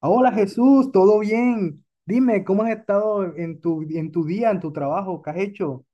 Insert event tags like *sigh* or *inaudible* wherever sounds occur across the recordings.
Hola Jesús, ¿todo bien? Dime, ¿cómo has estado en tu día, en tu trabajo? ¿Qué has hecho?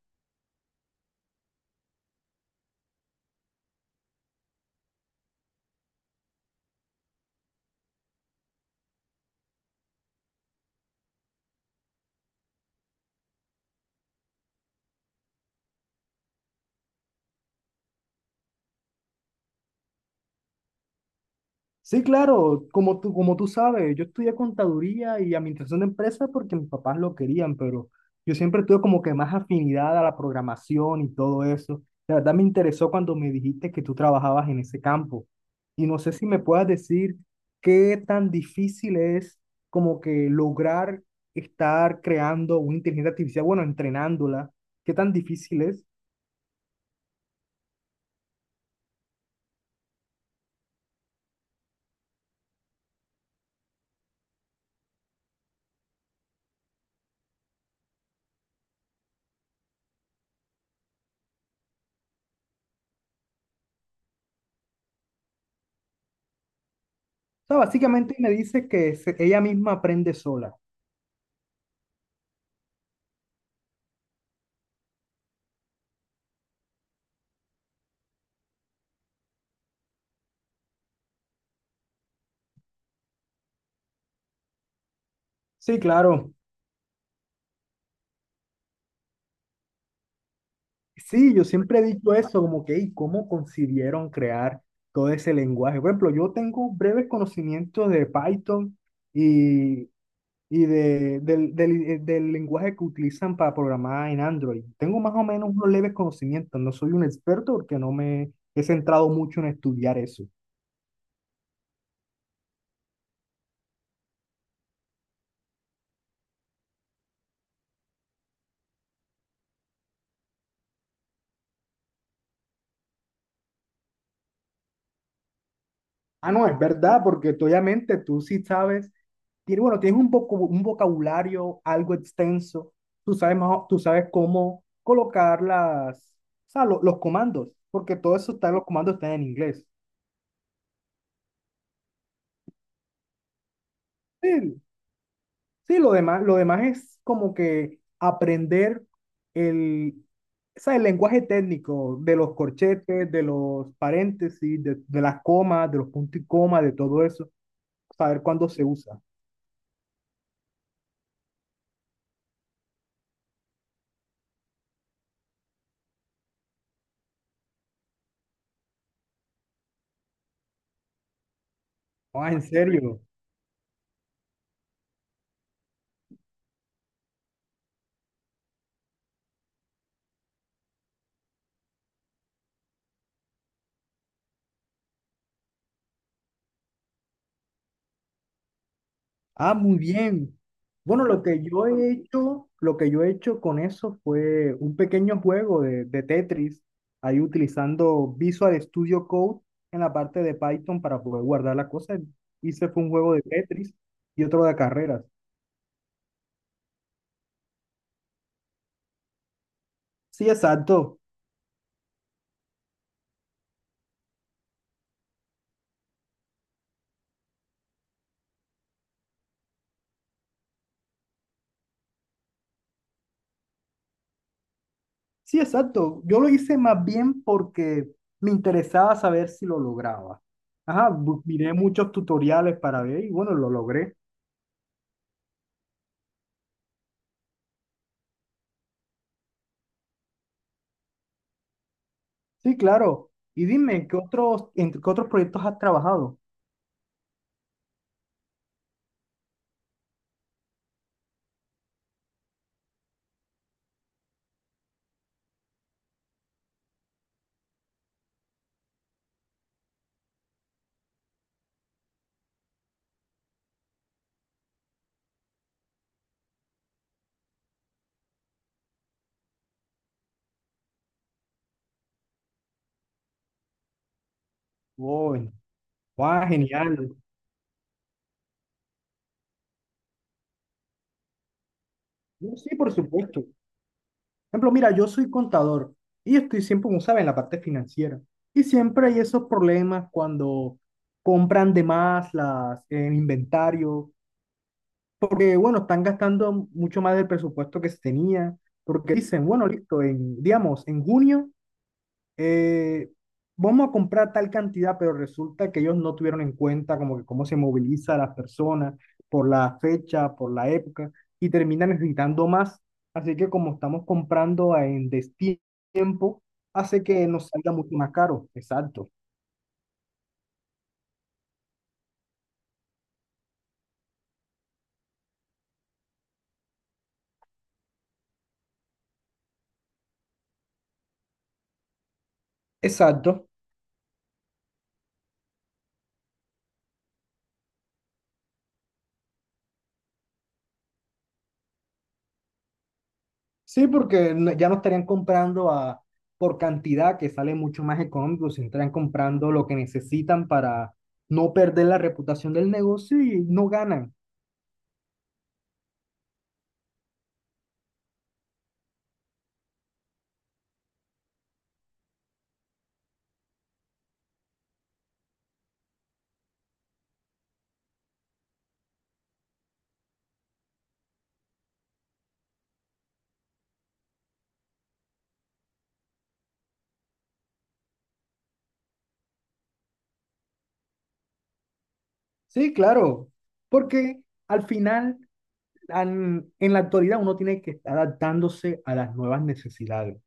Sí, claro, como tú sabes, yo estudié contaduría y administración de empresas porque mis papás lo querían, pero yo siempre tuve como que más afinidad a la programación y todo eso. La verdad me interesó cuando me dijiste que tú trabajabas en ese campo. Y no sé si me puedas decir qué tan difícil es como que lograr estar creando una inteligencia artificial, bueno, entrenándola, qué tan difícil es. O sea, básicamente me dice que ella misma aprende sola. Sí, claro. Sí, yo siempre he dicho eso, como que, ¿y cómo concibieron crear todo ese lenguaje? Por ejemplo, yo tengo breves conocimientos de Python y, y del lenguaje que utilizan para programar en Android. Tengo más o menos unos leves conocimientos, no soy un experto porque no me he centrado mucho en estudiar eso. Ah, no, es verdad, porque tú, obviamente tú sí sabes, bueno, tienes un vocabulario algo extenso, tú sabes cómo colocar o sea, los comandos, porque todo eso los comandos están en inglés. Sí, sí, lo demás es como que aprender el, o sea, el lenguaje técnico de los corchetes, de los paréntesis, de las comas, de los puntos y comas, de todo eso, saber cuándo se usa. Ah, en serio. Ah, muy bien. Bueno, lo que yo he hecho, lo que yo he hecho con eso fue un pequeño juego de Tetris, ahí utilizando Visual Studio Code en la parte de Python para poder guardar las cosas. Hice fue un juego de Tetris y otro de carreras. Sí, exacto. Sí, exacto. Yo lo hice más bien porque me interesaba saber si lo lograba. Ajá, miré muchos tutoriales para ver y bueno, lo logré. Sí, claro. Y dime, ¿en qué otros proyectos has trabajado? Oh, va, genial. No, sí, por supuesto. Por ejemplo, mira, yo soy contador y estoy siempre, como saben, en la parte financiera. Y siempre hay esos problemas cuando compran de más el inventario, porque, bueno, están gastando mucho más del presupuesto que se tenía, porque dicen, bueno, listo, digamos, en junio, eh, vamos a comprar tal cantidad, pero resulta que ellos no tuvieron en cuenta como que cómo se moviliza a las personas por la fecha, por la época, y terminan necesitando más. Así que como estamos comprando en destiempo, hace que nos salga mucho más caro. Exacto. Exacto. Sí, porque ya no estarían comprando por cantidad que sale mucho más económico, se estarían comprando lo que necesitan para no perder la reputación del negocio y no ganan. Sí, claro, porque al final, en la actualidad, uno tiene que estar adaptándose a las nuevas necesidades.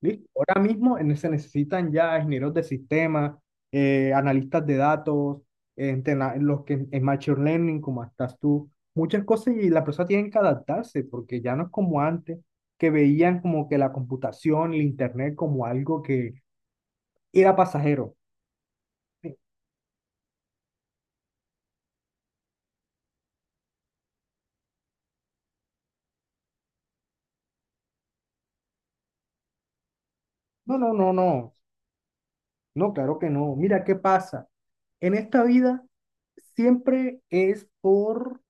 ¿Listo? Ahora mismo se necesitan ya ingenieros de sistemas, analistas de datos, los que en Machine Learning, como estás tú, muchas cosas y la persona tiene que adaptarse, porque ya no es como antes, que veían como que la computación, el Internet como algo que era pasajero. ¿Sí? No, no, no, no. No, claro que no. Mira, ¿qué pasa? En esta vida siempre es por,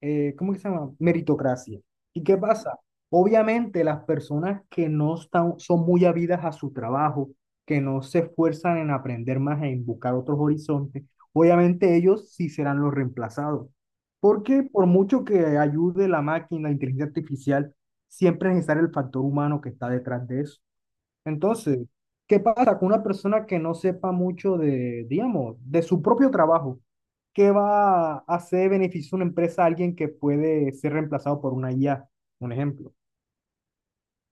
¿cómo que se llama? Meritocracia. ¿Y qué pasa? Obviamente las personas que no están, son muy habidas a su trabajo, que no se esfuerzan en aprender más, en buscar otros horizontes, obviamente ellos sí serán los reemplazados. Porque por mucho que ayude la máquina, la inteligencia artificial, siempre es necesario el factor humano que está detrás de eso. Entonces, ¿qué pasa con una persona que no sepa mucho digamos, de su propio trabajo? ¿Qué va a hacer beneficio una empresa a alguien que puede ser reemplazado por una IA? Un ejemplo.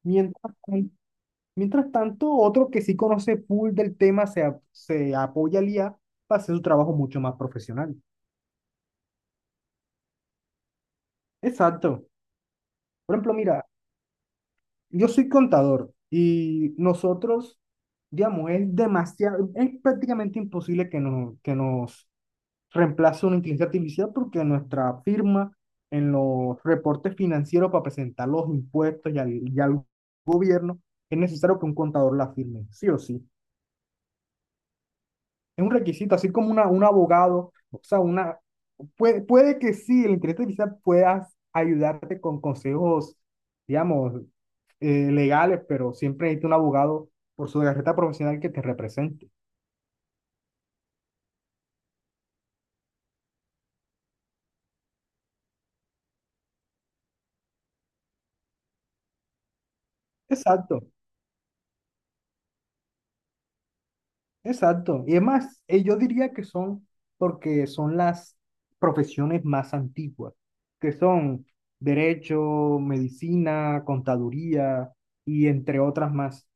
Mientras, tan- mientras tanto, otro que sí conoce full del tema se apoya al IA para hacer su trabajo mucho más profesional. Exacto. Por ejemplo, mira, yo soy contador y nosotros, digamos, es demasiado, es prácticamente imposible que, no, que nos reemplazo una inteligencia artificial porque nuestra firma en los reportes financieros para presentar los impuestos y al gobierno es necesario que un contador la firme, sí o sí. Es un requisito, así como un abogado, o sea, puede que sí, la inteligencia artificial puedas ayudarte con consejos, digamos, legales, pero siempre necesita un abogado por su carrera profesional que te represente. Exacto. Exacto. Y es más, yo diría que son porque son las profesiones más antiguas, que son derecho, medicina, contaduría y entre otras más.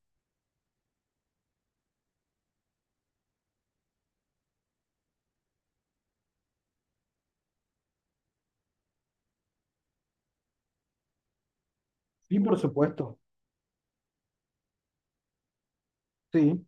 Sí, por supuesto. Sí,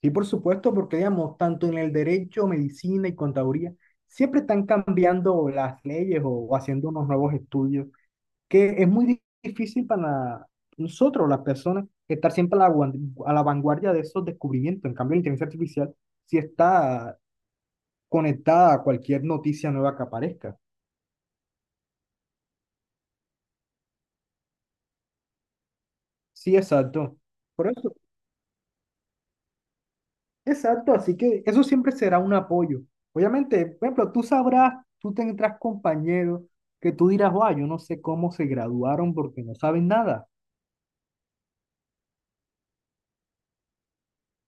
sí, por supuesto, porque digamos, tanto en el derecho, medicina y contaduría, siempre están cambiando las leyes o haciendo unos nuevos estudios, que es muy difícil para nosotros, las personas, estar siempre a la vanguardia de esos descubrimientos. En cambio, la inteligencia artificial sí está conectada a cualquier noticia nueva que aparezca. Sí, exacto. Por eso, exacto. Así que eso siempre será un apoyo. Obviamente, por ejemplo, tú sabrás, tú tendrás compañeros que tú dirás, wow, yo no sé cómo se graduaron porque no saben nada.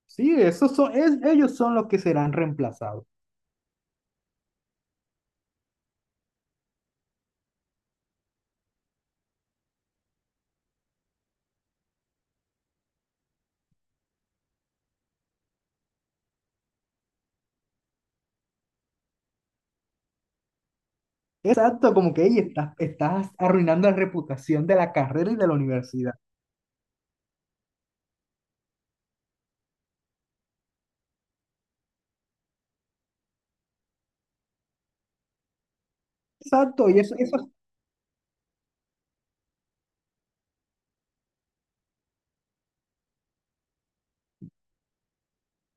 Sí, esos son, ellos son los que serán reemplazados. Exacto, como que ahí estás arruinando la reputación de la carrera y de la universidad. Exacto, y eso,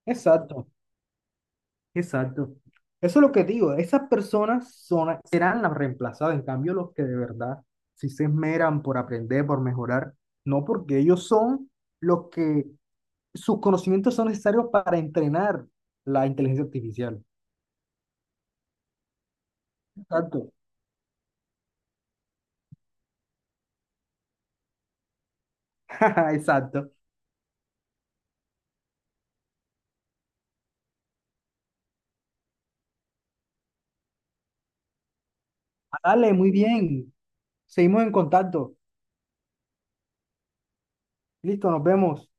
exacto, exacto. Eso es lo que digo, esas personas serán las reemplazadas, en cambio los que de verdad si se esmeran por aprender, por mejorar, no porque ellos son los que, sus conocimientos son necesarios para entrenar la inteligencia artificial. Exacto, *laughs* exacto. Dale, muy bien, seguimos en contacto. Listo, nos vemos.